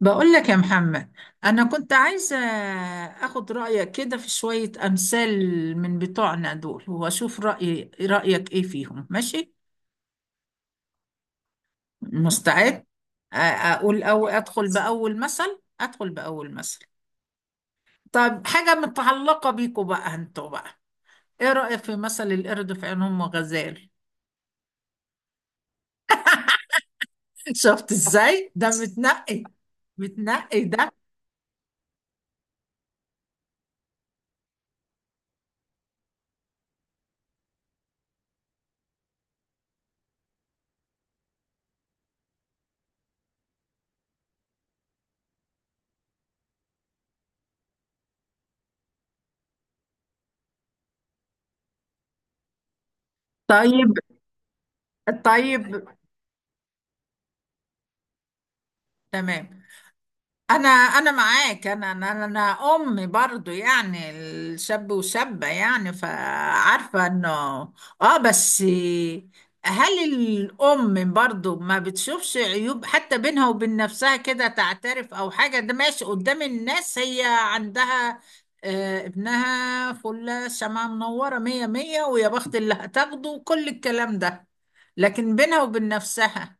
بقول لك يا محمد، أنا كنت عايزة أخد رأيك كده في شوية أمثال من بتوعنا دول، وأشوف رأيك إيه فيهم. ماشي، مستعد؟ أقول، أو أدخل بأول مثل. طب، حاجة متعلقة بيكوا بقى، أنتوا بقى. إيه رأيك في مثل القرد في عين أم غزال؟ شفت إزاي ده متنقي ده. طيب، طيب، تمام. انا معاك. انا انا انا أنا برضو يعني الشاب وشابة، يعني فعارفة انه. اه، بس هل الام برضو ما بتشوفش عيوب، حتى بينها وبين نفسها كده تعترف او حاجة؟ ده ماشي قدام الناس، هي عندها آه، ابنها فلة، شمعة منورة، مية مية، ويا بخت اللي هتاخده، وكل الكلام ده. لكن بينها وبين نفسها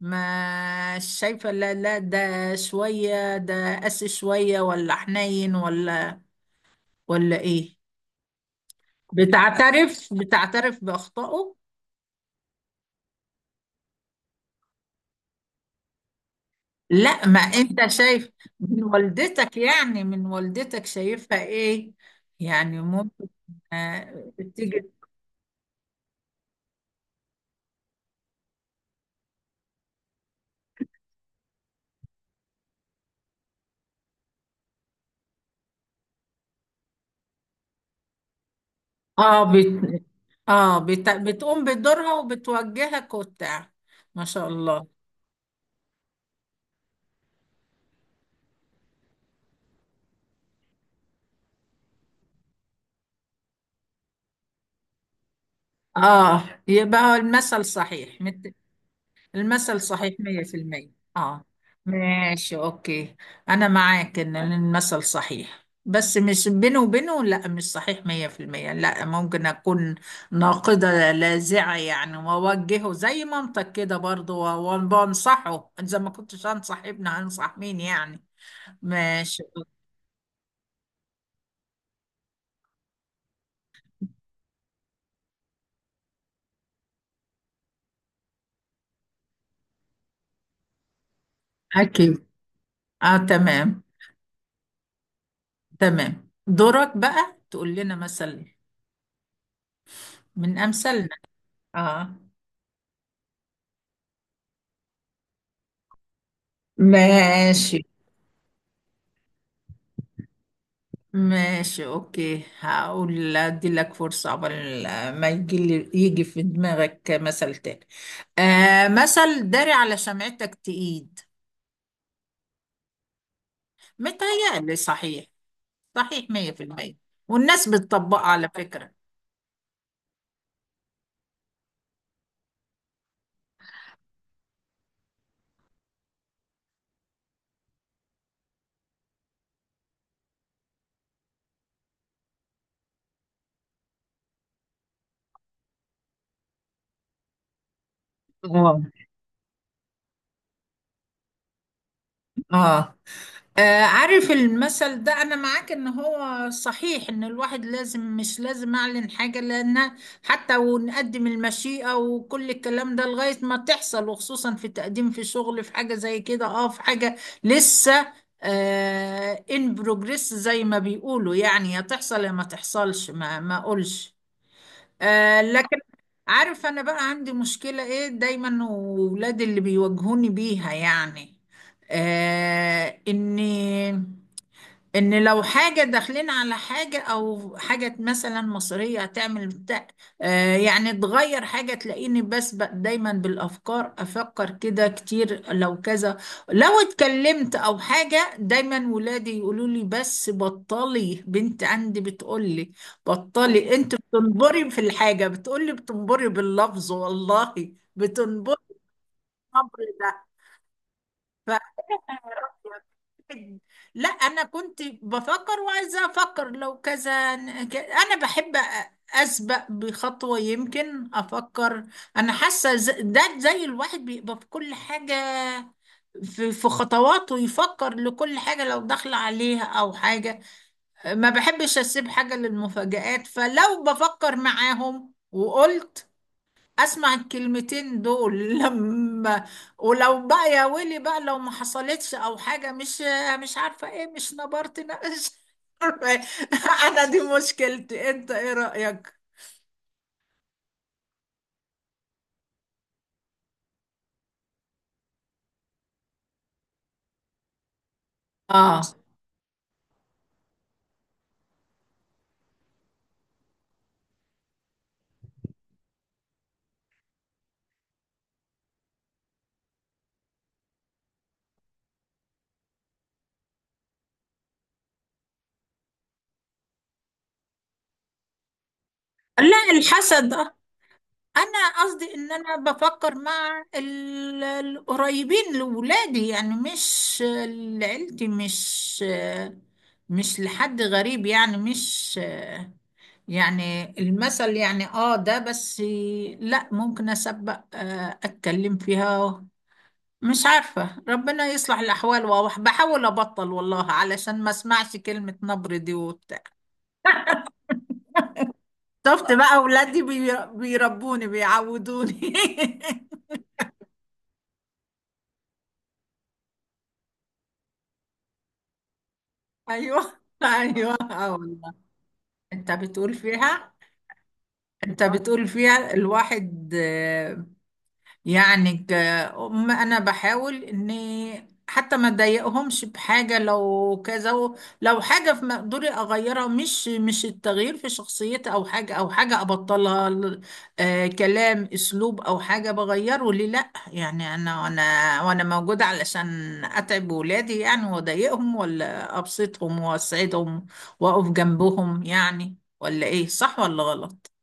ما شايفة؟ لا لا، ده شوية، ده قاسي شوية، ولا حنين، ولا ايه؟ بتعترف بأخطائه. لا، ما انت شايف من والدتك، يعني من والدتك شايفها ايه؟ يعني ممكن بتيجي. اه بت... بتقوم بدورها وبتوجهك وبتاع. ما شاء الله. اه، يبقى هو المثل صحيح 100%. اه، ماشي اوكي. انا معاك ان المثل صحيح، بس مش بينه وبينه. لا، مش صحيح 100%. لا، ممكن اكون ناقدة لاذعة يعني، واوجهه زي منطق كده برضه، وانصحه. اذا ما كنتش انصح ابني هنصح مين يعني؟ ماشي. اكيد، اه، تمام. تمام، دورك بقى تقول لنا مثل من امثالنا. اه، ماشي، ماشي اوكي. هقول، ادي لك فرصة قبل ما يجي في دماغك مثل تاني. آه، مثل داري على شمعتك تقيد. متهيألي صحيح. صحيح مية في المية، والناس بتطبقها على فكرة. اه، اه. آه، عارف المثل ده، انا معاك ان هو صحيح، ان الواحد لازم، مش لازم اعلن حاجة، لان حتى ونقدم المشيئة وكل الكلام ده لغاية ما تحصل. وخصوصا في تقديم، في شغل، في حاجة زي كده، اه، في حاجة لسه ان بروجريس زي ما بيقولوا يعني. يا تحصل يا ما تحصلش، ما اقولش. آه، لكن عارف، انا بقى عندي مشكلة ايه دايما، وولادي اللي بيواجهوني بيها يعني. آه اني ان لو حاجة داخلين على حاجة، او حاجة مثلا مصرية هتعمل بتاع، يعني تغير حاجة، تلاقيني بسبق دايما بالافكار. افكر كده كتير لو كذا، لو اتكلمت او حاجة. دايما ولادي يقولوا لي بس بطلي. بنت عندي بتقول لي، بطلي انت بتنبري في الحاجة. بتقول لي بتنبري باللفظ والله، بتنبري الامر ده. لا، انا كنت بفكر، وعايزه افكر لو كذا. انا بحب اسبق بخطوه، يمكن افكر. انا حاسه ده زي الواحد بيبقى في كل حاجه، في خطواته يفكر لكل حاجه لو داخل عليها او حاجه. ما بحبش اسيب حاجه للمفاجآت. فلو بفكر معاهم وقلت، اسمع الكلمتين دول لما، ولو بقى يا ويلي بقى لو ما حصلتش او حاجه، مش عارفه ايه، مش نبرت، نقش. انا دي مشكلتي، انت ايه رايك؟ اه لا، الحسد آه. انا قصدي ان انا بفكر مع القريبين لولادي يعني، مش لعيلتي، مش لحد غريب يعني، مش يعني المثل يعني. اه، ده بس. لا، ممكن اسبق اتكلم فيها. مش عارفة، ربنا يصلح الأحوال. وبحاول أبطل والله علشان ما اسمعش كلمة نبر دي وبتاع. شفت بقى أولادي بيربوني، بيعودوني. أيوه، أيوه، آه والله. أنت بتقول فيها أنت بتقول فيها الواحد يعني، انا بحاول اني حتى ما اضايقهمش بحاجه، لو كذا لو حاجه في مقدوري اغيرها. مش التغيير في شخصيتي او حاجه ابطلها كلام، اسلوب او حاجه، بغيره. ليه لا يعني؟ انا وانا وانا موجوده علشان اتعب ولادي يعني واضايقهم؟ ولا ابسطهم واسعدهم، واقف جنبهم يعني؟ ولا ايه؟ صح ولا غلط؟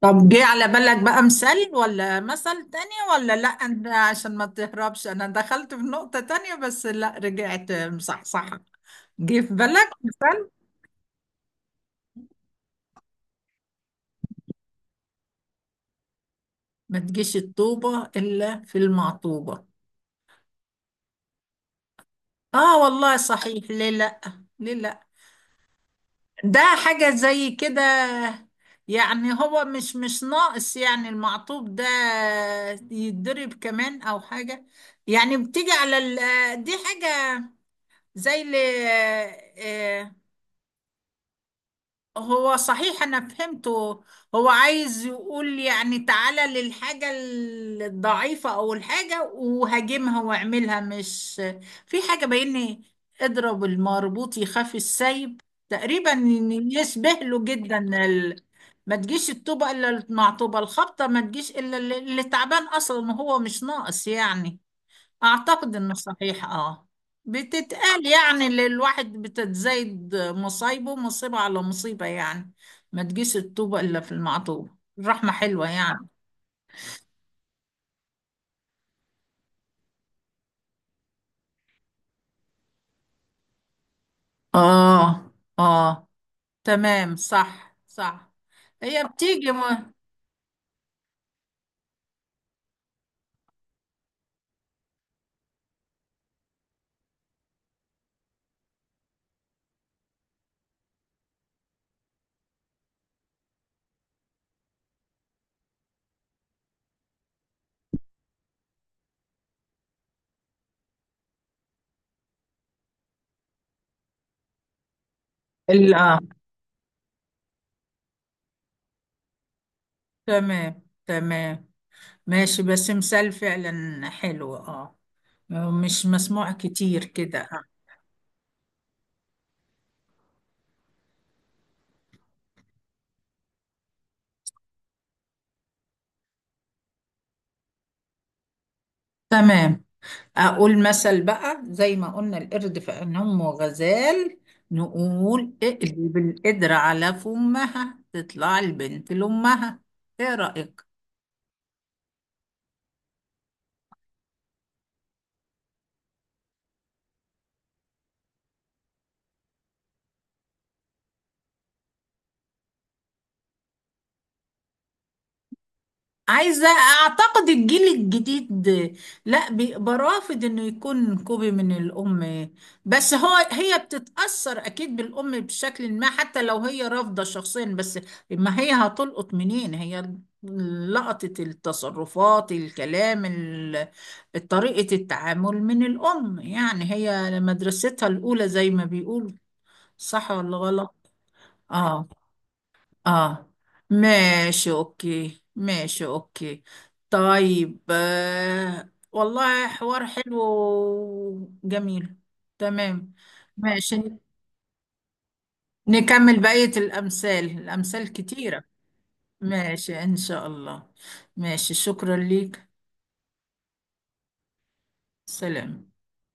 طب، جه على بالك بقى مثال ولا مثل تاني؟ ولا لا، انت عشان ما تهربش. انا دخلت في نقطة تانية، بس لا، رجعت مصحصحة. جه في بالك مثال؟ ما تجيش الطوبة الا في المعطوبة. اه والله صحيح، ليه لا، ليه لا. ده حاجة زي كده، يعني هو مش ناقص يعني المعطوب ده يتضرب كمان او حاجة. يعني بتيجي على دي حاجة زي اللي، هو صحيح انا فهمته. هو عايز يقول يعني، تعالى للحاجة الضعيفة او الحاجة وهاجمها واعملها. مش في حاجة، بين اضرب المربوط يخاف السيب، تقريبا إن يشبه له جدا. ال... ما تجيش الطوبة الا مع طوبة الخبطة. ما تجيش الا اللي تعبان اصلا، وهو مش ناقص يعني. أعتقد إنه صحيح. بتتقال يعني اللي الواحد بتتزايد مصايبه، مصيبة على مصيبة يعني. ما تجيش الطوبة إلا في المعطوبة. الرحمة حلوة يعني. آه، آه، تمام، صح، صح. هي بتيجي آه، تمام، تمام، ماشي. بس مثال فعلا حلو. مش مسموع كتير كده آه. تمام. أقول مثل بقى، زي ما قلنا القرد في عين أمه غزال، نقول اقلب القدرة على فمها تطلع البنت لأمها. إيه رأيك؟ أعتقد الجيل الجديد لا، بيبقى رافض إنه يكون كوبي من الأم. بس هي بتتأثر أكيد بالأم بشكل ما، حتى لو هي رافضة شخصيا. بس ما هي هتلقط منين؟ هي لقطت التصرفات، الكلام، طريقة التعامل من الأم يعني. هي مدرستها الأولى زي ما بيقولوا. صح ولا غلط؟ آه، اه، ماشي اوكي، ماشي اوكي. طيب، آه والله، حوار حلو وجميل. تمام، ماشي، نكمل بقية الأمثال. الأمثال كتيرة. ماشي إن شاء الله. ماشي، شكرا ليك. سلام.